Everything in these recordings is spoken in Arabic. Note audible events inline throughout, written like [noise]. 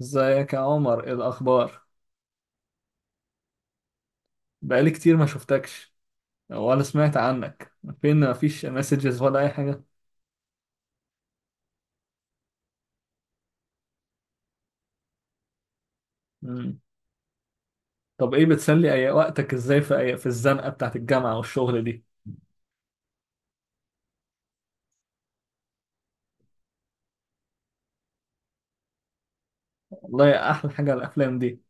ازيك يا عمر؟ ايه الاخبار؟ بقالي كتير ما شفتكش ولا سمعت عنك. فين؟ ما فيش مسجز ولا اي حاجه. مم. طب ايه بتسلي اي وقتك ازاي في الزنقه بتاعت الجامعه والشغل دي. والله احلى حاجه الافلام دي،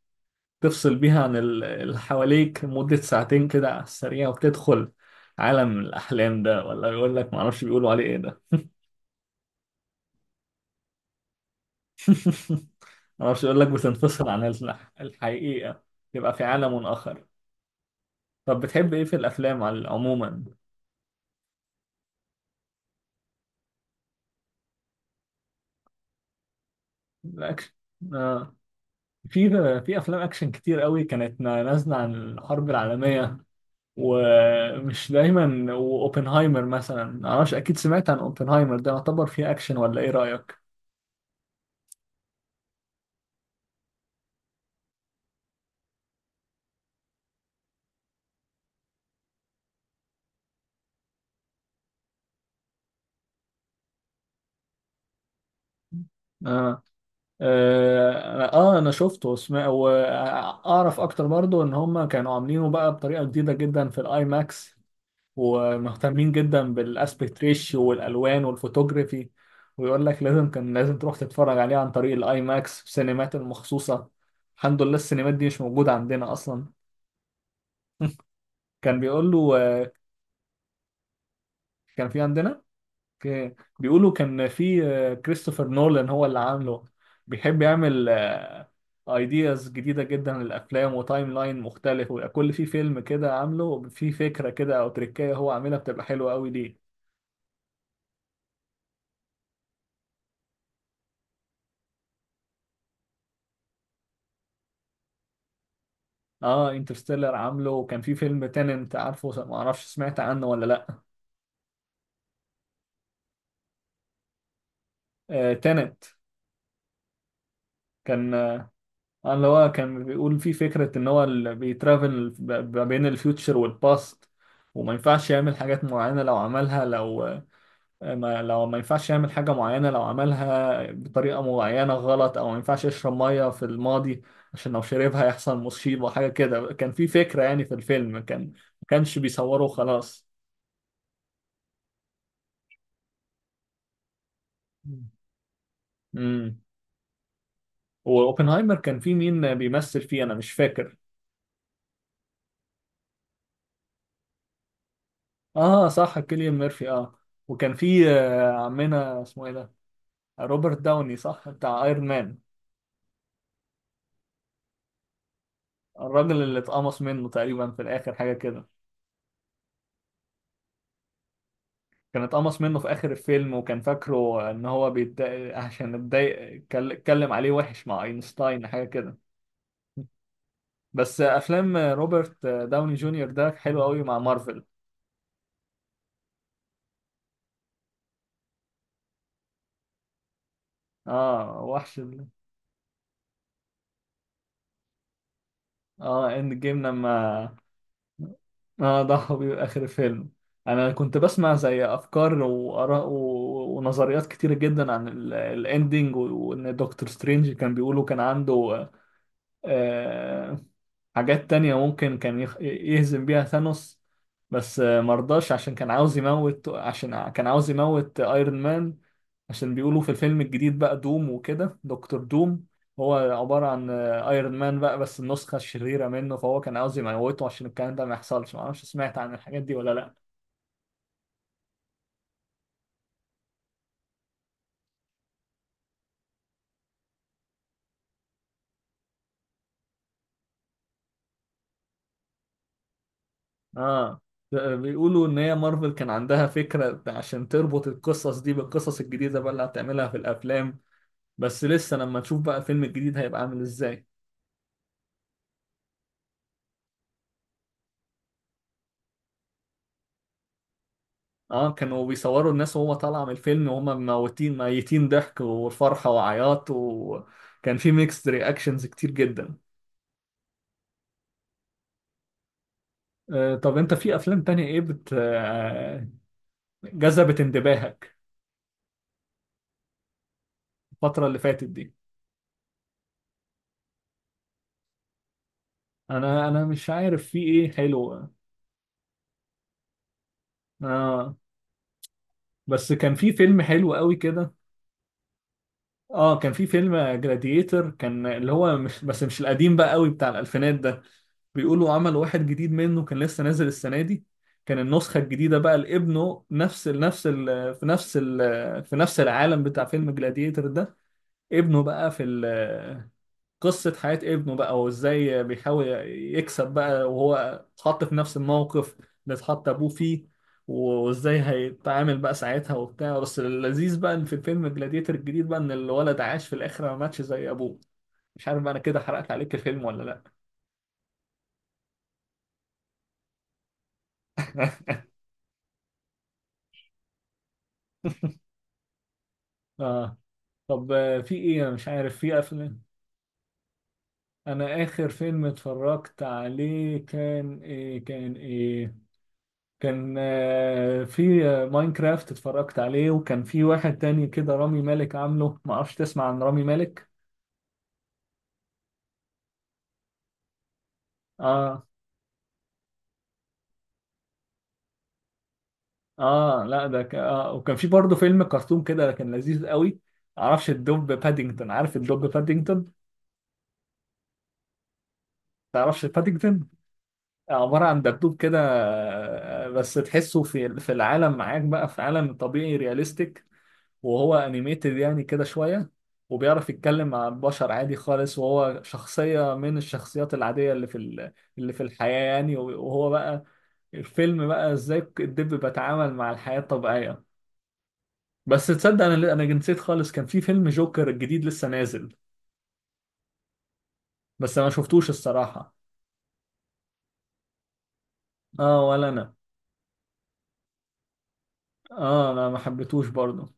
تفصل بيها عن اللي حواليك مده ساعتين كده على السريع، وتدخل عالم الاحلام ده، ولا يقول لك ما اعرفش بيقولوا عليه ايه ده. [laughs] ما اعرفش يقول لك بتنفصل عن الحقيقه، يبقى في عالم اخر. طب بتحب ايه في الافلام عموما؟ الأكشن. آه. في في أفلام أكشن كتير قوي كانت نازلة عن الحرب العالمية، ومش دايما. وأوبنهايمر مثلا، معرفش، أكيد سمعت عن أوبنهايمر، ده يعتبر فيه أكشن ولا إيه رأيك؟ آه. آه. آه، أنا شفته، وسمع وأعرف أكتر برضو إن هما كانوا عاملينه بقى بطريقة جديدة جدا في الآي ماكس، ومهتمين جدا بالاسبكت ريشيو والالوان والفوتوجرافي، ويقول لك لازم، كان لازم تروح تتفرج عليه عن طريق الاي ماكس في سينمات المخصوصه. الحمد لله السينمات دي مش موجوده عندنا اصلا. [laughs] كان بيقول له كان في عندنا. بيقولوا كان في، كريستوفر نولان هو اللي عامله. بيحب يعمل ايدياز جديدة جدا للأفلام، وتايم لاين مختلف، ويبقى كل في فيلم كده عامله في فكرة كده، أو تريكاية هو عاملها بتبقى حلوة أوي ليه. اه، انترستيلر عامله، وكان في فيلم تننت، عارفه؟ ما اعرفش سمعت عنه ولا لا. آه، تننت، كان اللي هو كان بيقول فيه فكرة ان هو اللي بيترافل ما بين الفيوتشر والباست، وما ينفعش يعمل حاجات معينة لو عملها. لو ما ينفعش يعمل حاجة معينة، لو عملها بطريقة معينة غلط، او ما ينفعش يشرب مية في الماضي، عشان لو شربها يحصل مصيبة، حاجة كده. كان في فكرة يعني في الفيلم، كان ما كانش بيصوره خلاص. مم. واوبنهايمر كان في مين بيمثل فيه، انا مش فاكر. اه صح، كيليان ميرفي، وكان في عمنا اسمه ايه ده، روبرت داوني صح، بتاع ايرون مان. الراجل اللي اتقمص منه تقريبا في الاخر، حاجه كده. كان اتقمص منه في اخر الفيلم، وكان فاكره ان هو بيتضايق عشان اتضايق، اتكلم عليه وحش مع اينشتاين، حاجه كده. بس افلام روبرت داوني جونيور ده حلو قوي مع مارفل. اه وحش اه، اند جيم لما. اه، ده هو بيبقى اخر فيلم. انا كنت بسمع زي افكار واراء ونظريات كتيره جدا عن الاندينج، وان دكتور سترينج كان بيقولوا كان عنده، آه، حاجات تانية ممكن كان يهزم بيها ثانوس، بس مرضاش عشان كان عاوز يموت، كان عاوز يموت ايرون مان. عشان بيقولوا في الفيلم الجديد بقى دوم، وكده دكتور دوم، هو عبارة عن ايرون مان بقى، بس النسخة الشريرة منه، فهو كان عاوز يموته عشان الكلام ده ما يحصلش. معرفش سمعت عن الحاجات دي ولا لأ. اه، بيقولوا ان هي مارفل كان عندها فكرة عشان تربط القصص دي بالقصص الجديدة بقى اللي هتعملها في الافلام، بس لسه لما نشوف بقى الفيلم الجديد هيبقى عامل ازاي. اه، كانوا بيصوروا الناس وهو طالعة من الفيلم، وهم موتين، ميتين، ضحك وفرحة وعياط، وكان في ميكس رياكشنز كتير جدا. آه، طب انت في افلام تانية ايه بت آه جذبت انتباهك الفترة اللي فاتت دي؟ انا مش عارف في ايه حلو. اه، بس كان في فيلم حلو قوي كده. اه، كان في فيلم جلاديتر، كان اللي هو مش، بس مش القديم بقى قوي بتاع الالفينات ده. بيقولوا عمل واحد جديد منه كان لسه نازل السنة دي. كان النسخة الجديدة بقى لابنه، نفس ال نفس ال في نفس ال في نفس العالم بتاع فيلم جلاديتر ده. ابنه بقى في قصة حياة ابنه بقى، وازاي بيحاول يكسب بقى، وهو اتحط في نفس الموقف اللي اتحط ابوه فيه، وازاي هيتعامل بقى ساعتها وبتاع. بس اللذيذ بقى ان في فيلم جلاديتر الجديد بقى، ان الولد عاش في الاخر، ما ماتش زي ابوه. مش عارف بقى انا كده حرقت عليك الفيلم ولا لا. [laughs] اه. طب في ايه، انا مش عارف في افلام. انا اخر فيلم اتفرجت عليه كان ايه كان في ماينكرافت اتفرجت عليه، وكان في واحد تاني كده رامي مالك عامله، ما اعرفش تسمع عن رامي مالك. اه. اه لا ده ك... آه. وكان في برضه فيلم كرتون كده كان لذيذ قوي. معرفش الدب بادينجتون، عارف الدب بادينجتون؟ تعرفش بادينجتون؟ عبارة عن دبدوب كده، بس تحسه في العالم معاك بقى، في عالم طبيعي رياليستيك، وهو انيميتد يعني كده شوية، وبيعرف يتكلم مع البشر عادي خالص، وهو شخصية من الشخصيات العادية اللي اللي في الحياة يعني. وهو بقى، الفيلم بقى ازاي الدب بيتعامل مع الحياة الطبيعية. بس تصدق انا، نسيت خالص، كان في فيلم جوكر الجديد لسه نازل، بس انا ما شفتوش الصراحة. اه ولا انا، اه انا ما حبيتهوش برضه.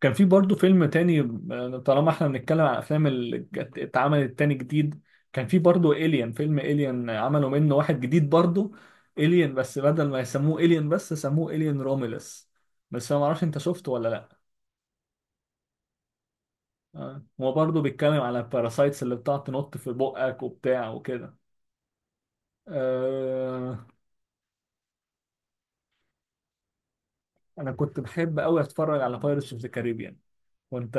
كان في برضه فيلم تاني، طالما احنا بنتكلم عن افلام اللي اتعملت تاني جديد. كان في برضه إليان، فيلم إليان عملوا منه واحد جديد برضه، إليان، بس بدل ما يسموه إليان بس سموه إليان روميلس. بس انا معرفش انت شفته ولا لا. آه، هو برضه بيتكلم على الباراسايتس اللي بتقعد تنط في بقك وبتاع وكده. آه. انا كنت بحب قوي اتفرج على بايرتس اوف ذا كاريبيان. كنت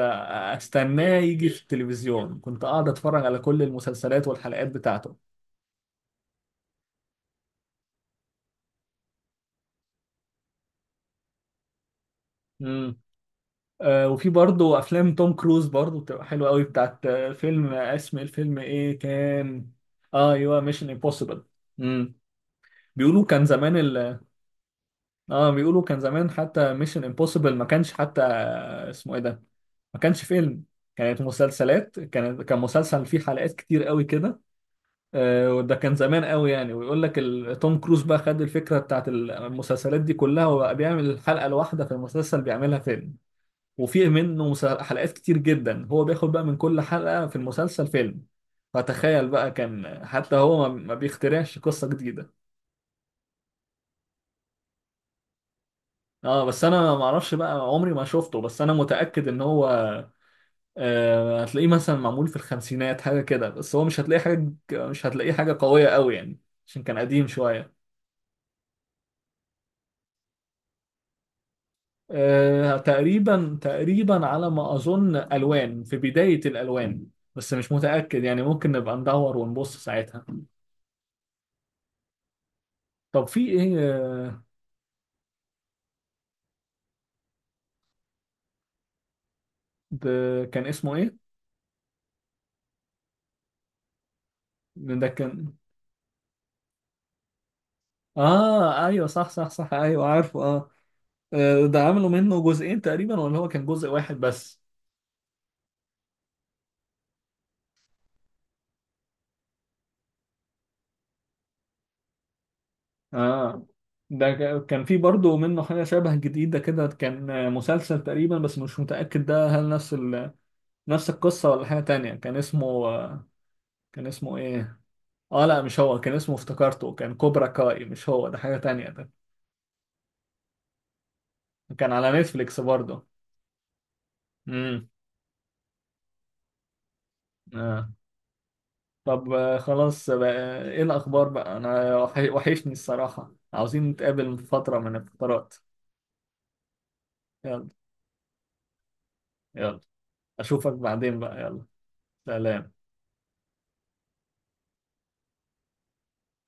استناه يجي في التلفزيون، كنت قاعد اتفرج على كل المسلسلات والحلقات بتاعته. وفي برضه افلام توم كروز برضه بتبقى حلوه قوي، بتاعت فيلم، اسم الفيلم ايه كان؟ اه ايوه، ميشن امبوسيبل. امم. بيقولوا كان زمان اه بيقولوا كان زمان حتى ميشن امبوسيبل ما كانش حتى، اسمه ايه ده، ما كانش فيلم، كانت مسلسلات، كان مسلسل فيه حلقات كتير قوي كده. وده كان زمان قوي يعني. ويقول لك توم كروز بقى خد الفكره بتاعت المسلسلات دي كلها، وبقى بيعمل الحلقه الواحده في المسلسل بيعملها فيلم، وفيه منه حلقات كتير جدا، هو بياخد بقى من كل حلقة في المسلسل فيلم. فتخيل بقى، كان حتى هو ما بيخترعش قصة جديدة. اه، بس انا ما اعرفش بقى، عمري ما شفته، بس انا متأكد ان هو آه، هتلاقيه مثلا معمول في الخمسينات حاجة كده، بس هو مش هتلاقيه حاجة قوية قوي يعني، عشان كان قديم شوية. آه، تقريبا تقريبا على ما اظن الوان، في بداية الالوان، بس مش متأكد يعني، ممكن نبقى ندور ونبص ساعتها. طب في ايه ده كان اسمه ايه؟ ده كان، اه ايوه صح، صح، صح، ايوه عارفه اه. ده عملوا منه جزئين تقريبا، ولا هو كان جزء واحد بس؟ اه، ده كان في برضه منه حاجة شبه جديدة كده، كان مسلسل تقريبا، بس مش متأكد ده هل نفس القصة ولا حاجة تانية. كان اسمه كان اسمه ايه؟ اه لا مش هو، كان اسمه، افتكرته، كان كوبرا كاي. مش هو ده، حاجة تانية ده. كان على نتفليكس برضه. امم. آه. طب خلاص بقى، ايه الأخبار بقى؟ أنا وحشني الصراحة، عاوزين نتقابل فترة من الفترات. يلا. يلا، أشوفك بعدين بقى، يلا. سلام.